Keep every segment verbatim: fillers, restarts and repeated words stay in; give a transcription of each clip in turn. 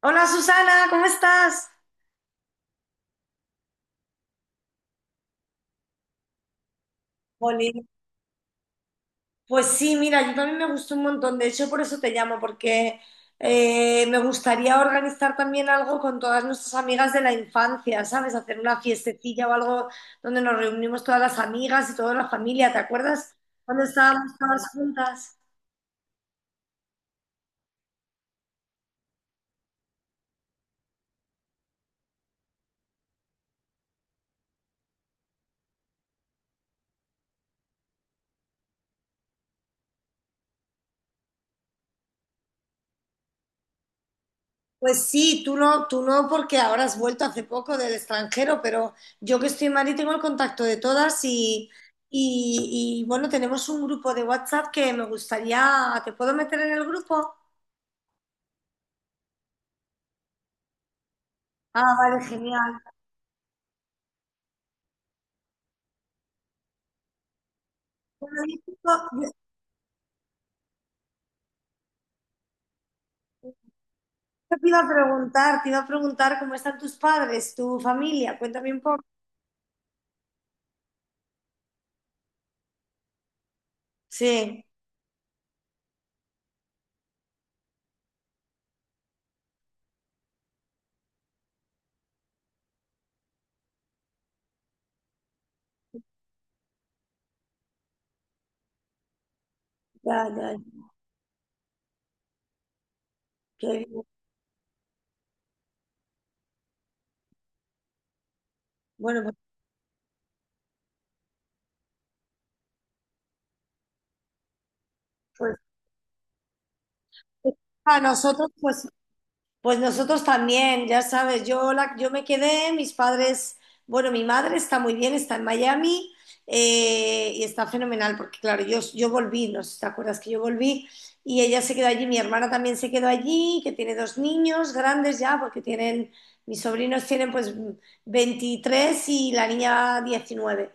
Hola Susana, ¿cómo estás? Jolín. Pues sí, mira, yo también me gustó un montón, de hecho por eso te llamo, porque eh, me gustaría organizar también algo con todas nuestras amigas de la infancia, ¿sabes? Hacer una fiestecilla o algo donde nos reunimos todas las amigas y toda la familia, ¿te acuerdas? Cuando estábamos todas juntas. Pues sí, tú no, tú no, porque ahora has vuelto hace poco del extranjero, pero yo que estoy en Madrid tengo el contacto de todas y, y, y, bueno, tenemos un grupo de WhatsApp que me gustaría. ¿Te puedo meter en el grupo? Ah, vale, genial. Bueno, yo te yo justo te iba a preguntar, te iba a preguntar cómo están tus padres, tu familia, cuéntame un poco. Sí, ya, ya, qué bien. Bueno, pues, pues, a nosotros, pues Pues nosotros también, ya sabes, yo, la, yo me quedé, mis padres, bueno, mi madre está muy bien, está en Miami eh, y está fenomenal, porque claro, yo, yo volví, no sé si te acuerdas que yo volví y ella se quedó allí, mi hermana también se quedó allí, que tiene dos niños grandes ya, porque tienen, mis sobrinos tienen pues veintitrés y la niña diecinueve.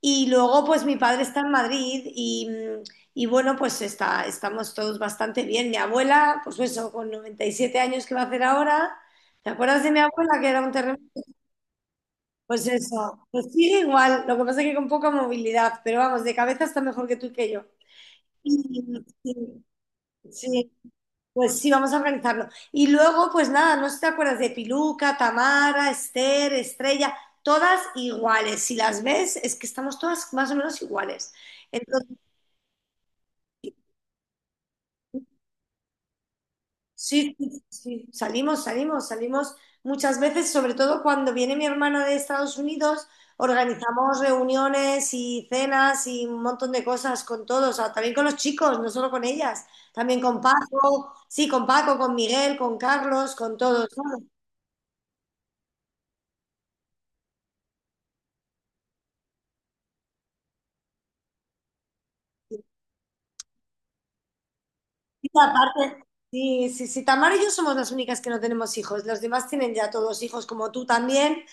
Y luego, pues mi padre está en Madrid y, mm, y bueno, pues está, estamos todos bastante bien. Mi abuela, pues eso, con noventa y siete años que va a hacer ahora, ¿te acuerdas de mi abuela que era un terremoto? Pues eso, pues sigue igual, lo que pasa es que con poca movilidad, pero vamos, de cabeza está mejor que tú y que yo. Y- sí, sí, pues sí, vamos a organizarlo. Y luego, pues nada, no sé si te acuerdas de Piluca, Tamara, Esther, Estrella, todas iguales. Si las ves, es que estamos todas más o menos iguales. Sí, sí, sí, salimos, salimos, salimos muchas veces, sobre todo cuando viene mi hermana de Estados Unidos, organizamos reuniones y cenas y un montón de cosas con todos, ah, también con los chicos, no solo con ellas, también con Paco, sí, con Paco, con Miguel, con Carlos, con todos. ¿No? Y aparte, sí, sí, sí, Tamara y yo somos las únicas que no tenemos hijos. Los demás tienen ya todos hijos, como tú también.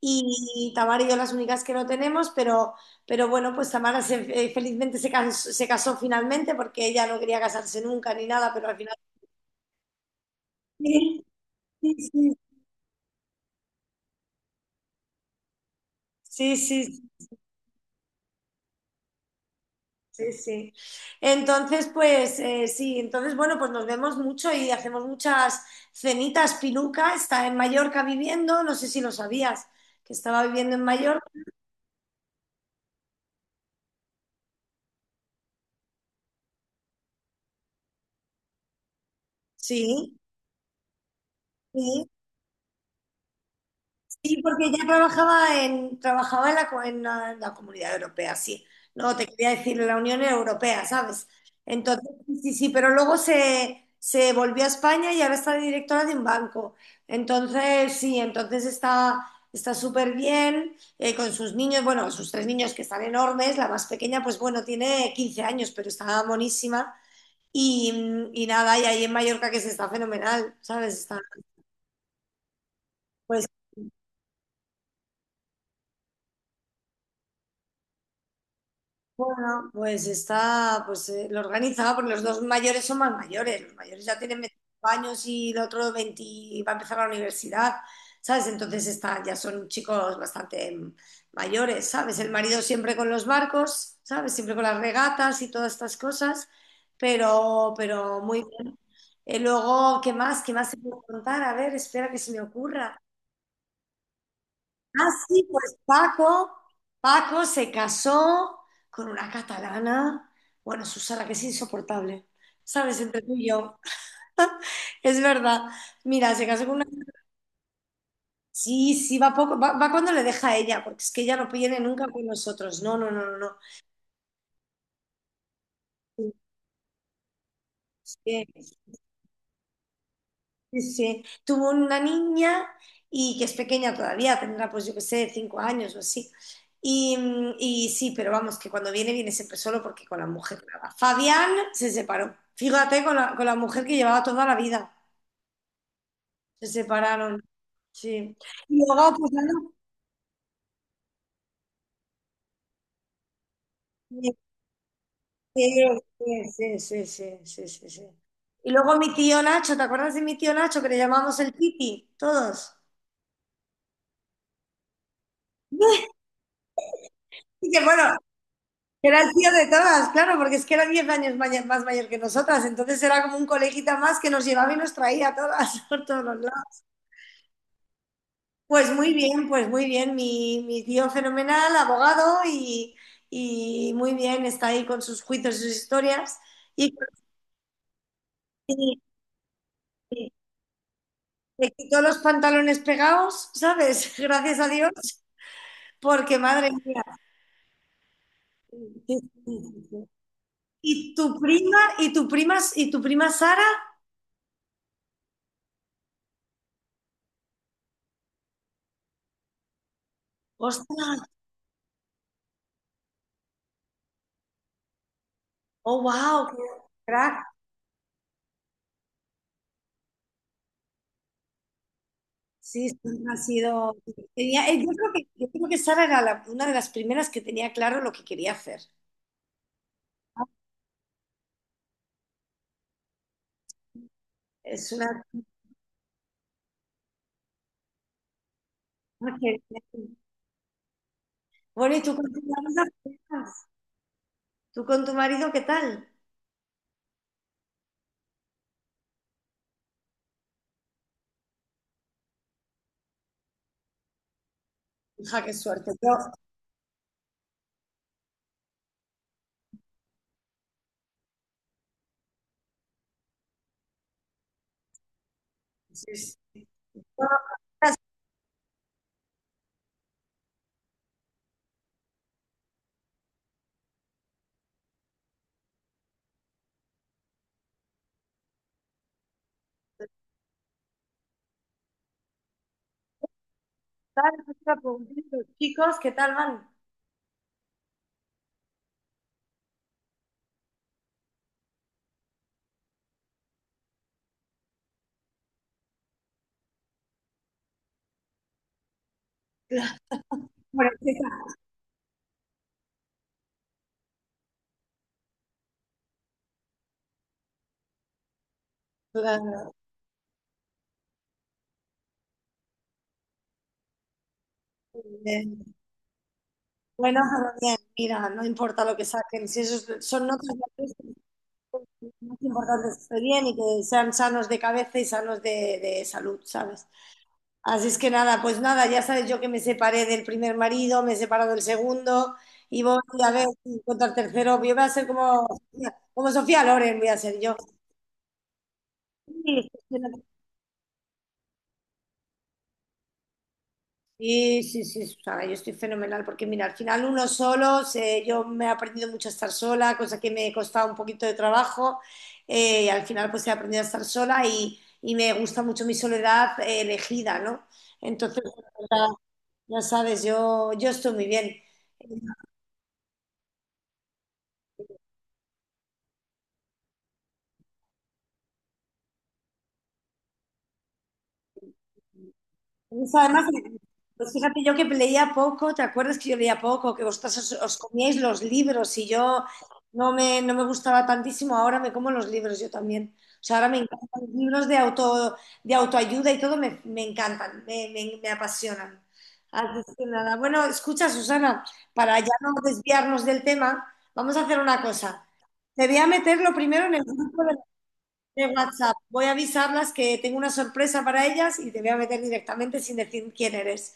Y Tamara y yo las únicas que no tenemos, pero, pero bueno, pues Tamara se- eh, felizmente se casó, se casó finalmente porque ella no quería casarse nunca ni nada, pero al final. Sí, sí, sí. Sí, sí, sí, sí. Entonces, pues eh, sí, entonces, bueno, pues nos vemos mucho y hacemos muchas cenitas. Piluca está en Mallorca viviendo, no sé si lo sabías, que estaba viviendo en Mallorca. Sí, sí, sí, porque ella trabajaba en, trabajaba en la, co- en la, en la Comunidad Europea, sí. No, te quería decir en la Unión Europea, ¿sabes? Entonces, sí, sí, sí, pero luego se, se volvió a España y ahora está de directora de un banco. Entonces, sí, entonces está está súper bien eh, con sus niños, bueno, sus tres niños que están enormes, la más pequeña, pues bueno, tiene quince años, pero está monísima. Y, y nada, y ahí en Mallorca que se está fenomenal, ¿sabes? Está. Bueno, pues está, pues eh, lo organiza, porque los dos mayores son más mayores, los mayores ya tienen veinticinco años y el otro veinte va a empezar la universidad, ¿sabes? Entonces está, ya son chicos bastante mm, mayores, ¿sabes? El marido siempre con los barcos, ¿sabes? Siempre con las regatas y todas estas cosas, pero, pero muy bien. Eh, luego, ¿qué más? ¿Qué más te puedo contar? A ver, espera que se me ocurra. Ah, sí, pues Paco, Paco se casó con una catalana. Bueno, Susana, que es insoportable. ¿Sabes? Entre tú y yo. Es verdad. Mira, se casó con una. Sí, sí, va poco. Va, va cuando le deja a ella, porque es que ella no viene nunca con nosotros. No, no, no, no, no. Sí. Sí, sí. Tuvo una niña y que es pequeña todavía, tendrá pues yo qué sé, cinco años o así. Y, mm, y sí, pero vamos, que cuando viene, viene siempre solo porque con la mujer nada. Fabián se separó. Fíjate, con la, con la mujer que llevaba toda la vida. Se separaron, sí. Y luego, pues nada, mi- sí, sí, sí, sí, sí, sí, sí. Y luego mi tío Nacho, ¿te acuerdas de mi tío Nacho que le llamamos el Titi? Todos. Y que bueno, era el tío de todas, claro, porque es que era diez años maya- más mayor que nosotras, entonces era como un coleguita más que nos llevaba y nos traía a todas por todos los lados. Pues muy bien, pues muy bien, mi, mi tío fenomenal, abogado y, y muy bien, está ahí con sus juicios y sus historias y, y- y me quitó los pantalones pegados, ¿sabes? Gracias a Dios, porque madre mía. Sí, sí, sí, sí. Y tu prima, y tu prima, y tu prima Sara, ostras, oh wow, qué crack. Sí, siempre ha sido. tenía- eh, yo creo que, yo creo que Sara era la- una de las primeras que tenía claro lo que quería hacer. Es una. que- Bueno, ¿y tú con tu marido qué tal? ¿Tú con tu marido qué tal? Hija, qué suerte. Yo, sí, sí. Bueno, las- las- las- los chicos, ¿qué tal van? Claro, bueno, sí, claro. Bien. Bueno, pero bien, mira, no importa lo que saquen, si esos son notas de. Lo más importante es que esté bien y que sean sanos de cabeza y sanos de, de salud, ¿sabes? Así es que nada, pues nada, ya sabes yo que me separé del primer marido, me he separado del segundo y voy a ver si encuentro al tercero. Yo voy a ser como, como Sofía Loren, voy a ser yo. Sí, sí, sí, sí, Susana, yo estoy fenomenal porque mira, al final uno solo, se- yo me he aprendido mucho a estar sola, cosa que me costaba un poquito de trabajo, eh, y al final pues he aprendido a estar sola y, y me gusta mucho mi soledad eh, elegida, ¿no? Entonces, ya, ya sabes, yo, yo estoy muy bien. Eso, además, pues fíjate yo que leía poco, ¿te acuerdas que yo leía poco? Que vosotros os, os comíais los libros y yo no me, no me gustaba tantísimo, ahora me como los libros yo también. O sea, ahora me encantan los libros de auto, de autoayuda y todo, me, me encantan, me, me, me apasionan. Antes que nada. Bueno, escucha, Susana, para ya no desviarnos del tema, vamos a hacer una cosa. Te voy a meter lo primero en el grupo de WhatsApp. Voy a avisarlas que tengo una sorpresa para ellas y te voy a meter directamente sin decir quién eres.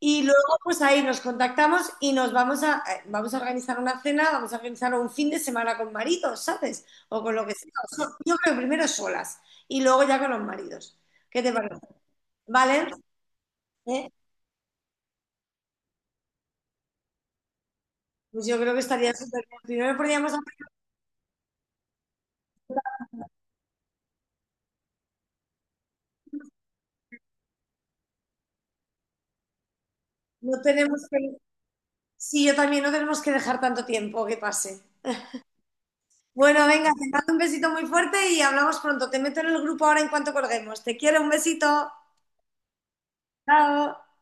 Y luego, pues ahí nos contactamos y nos vamos a, eh, vamos a organizar una cena, vamos a organizar un fin de semana con maridos, ¿sabes? O con lo que sea. So- Yo creo que primero solas y luego ya con los maridos. ¿Qué te parece? ¿Vale? ¿Eh? Pues yo creo que estaría súper bien. Primero podríamos, no tenemos que, sí, yo también no tenemos que dejar tanto tiempo que pase. Bueno, venga, te mando un besito muy fuerte y hablamos pronto. Te meto en el grupo ahora en cuanto colguemos. Te quiero, un besito. Chao.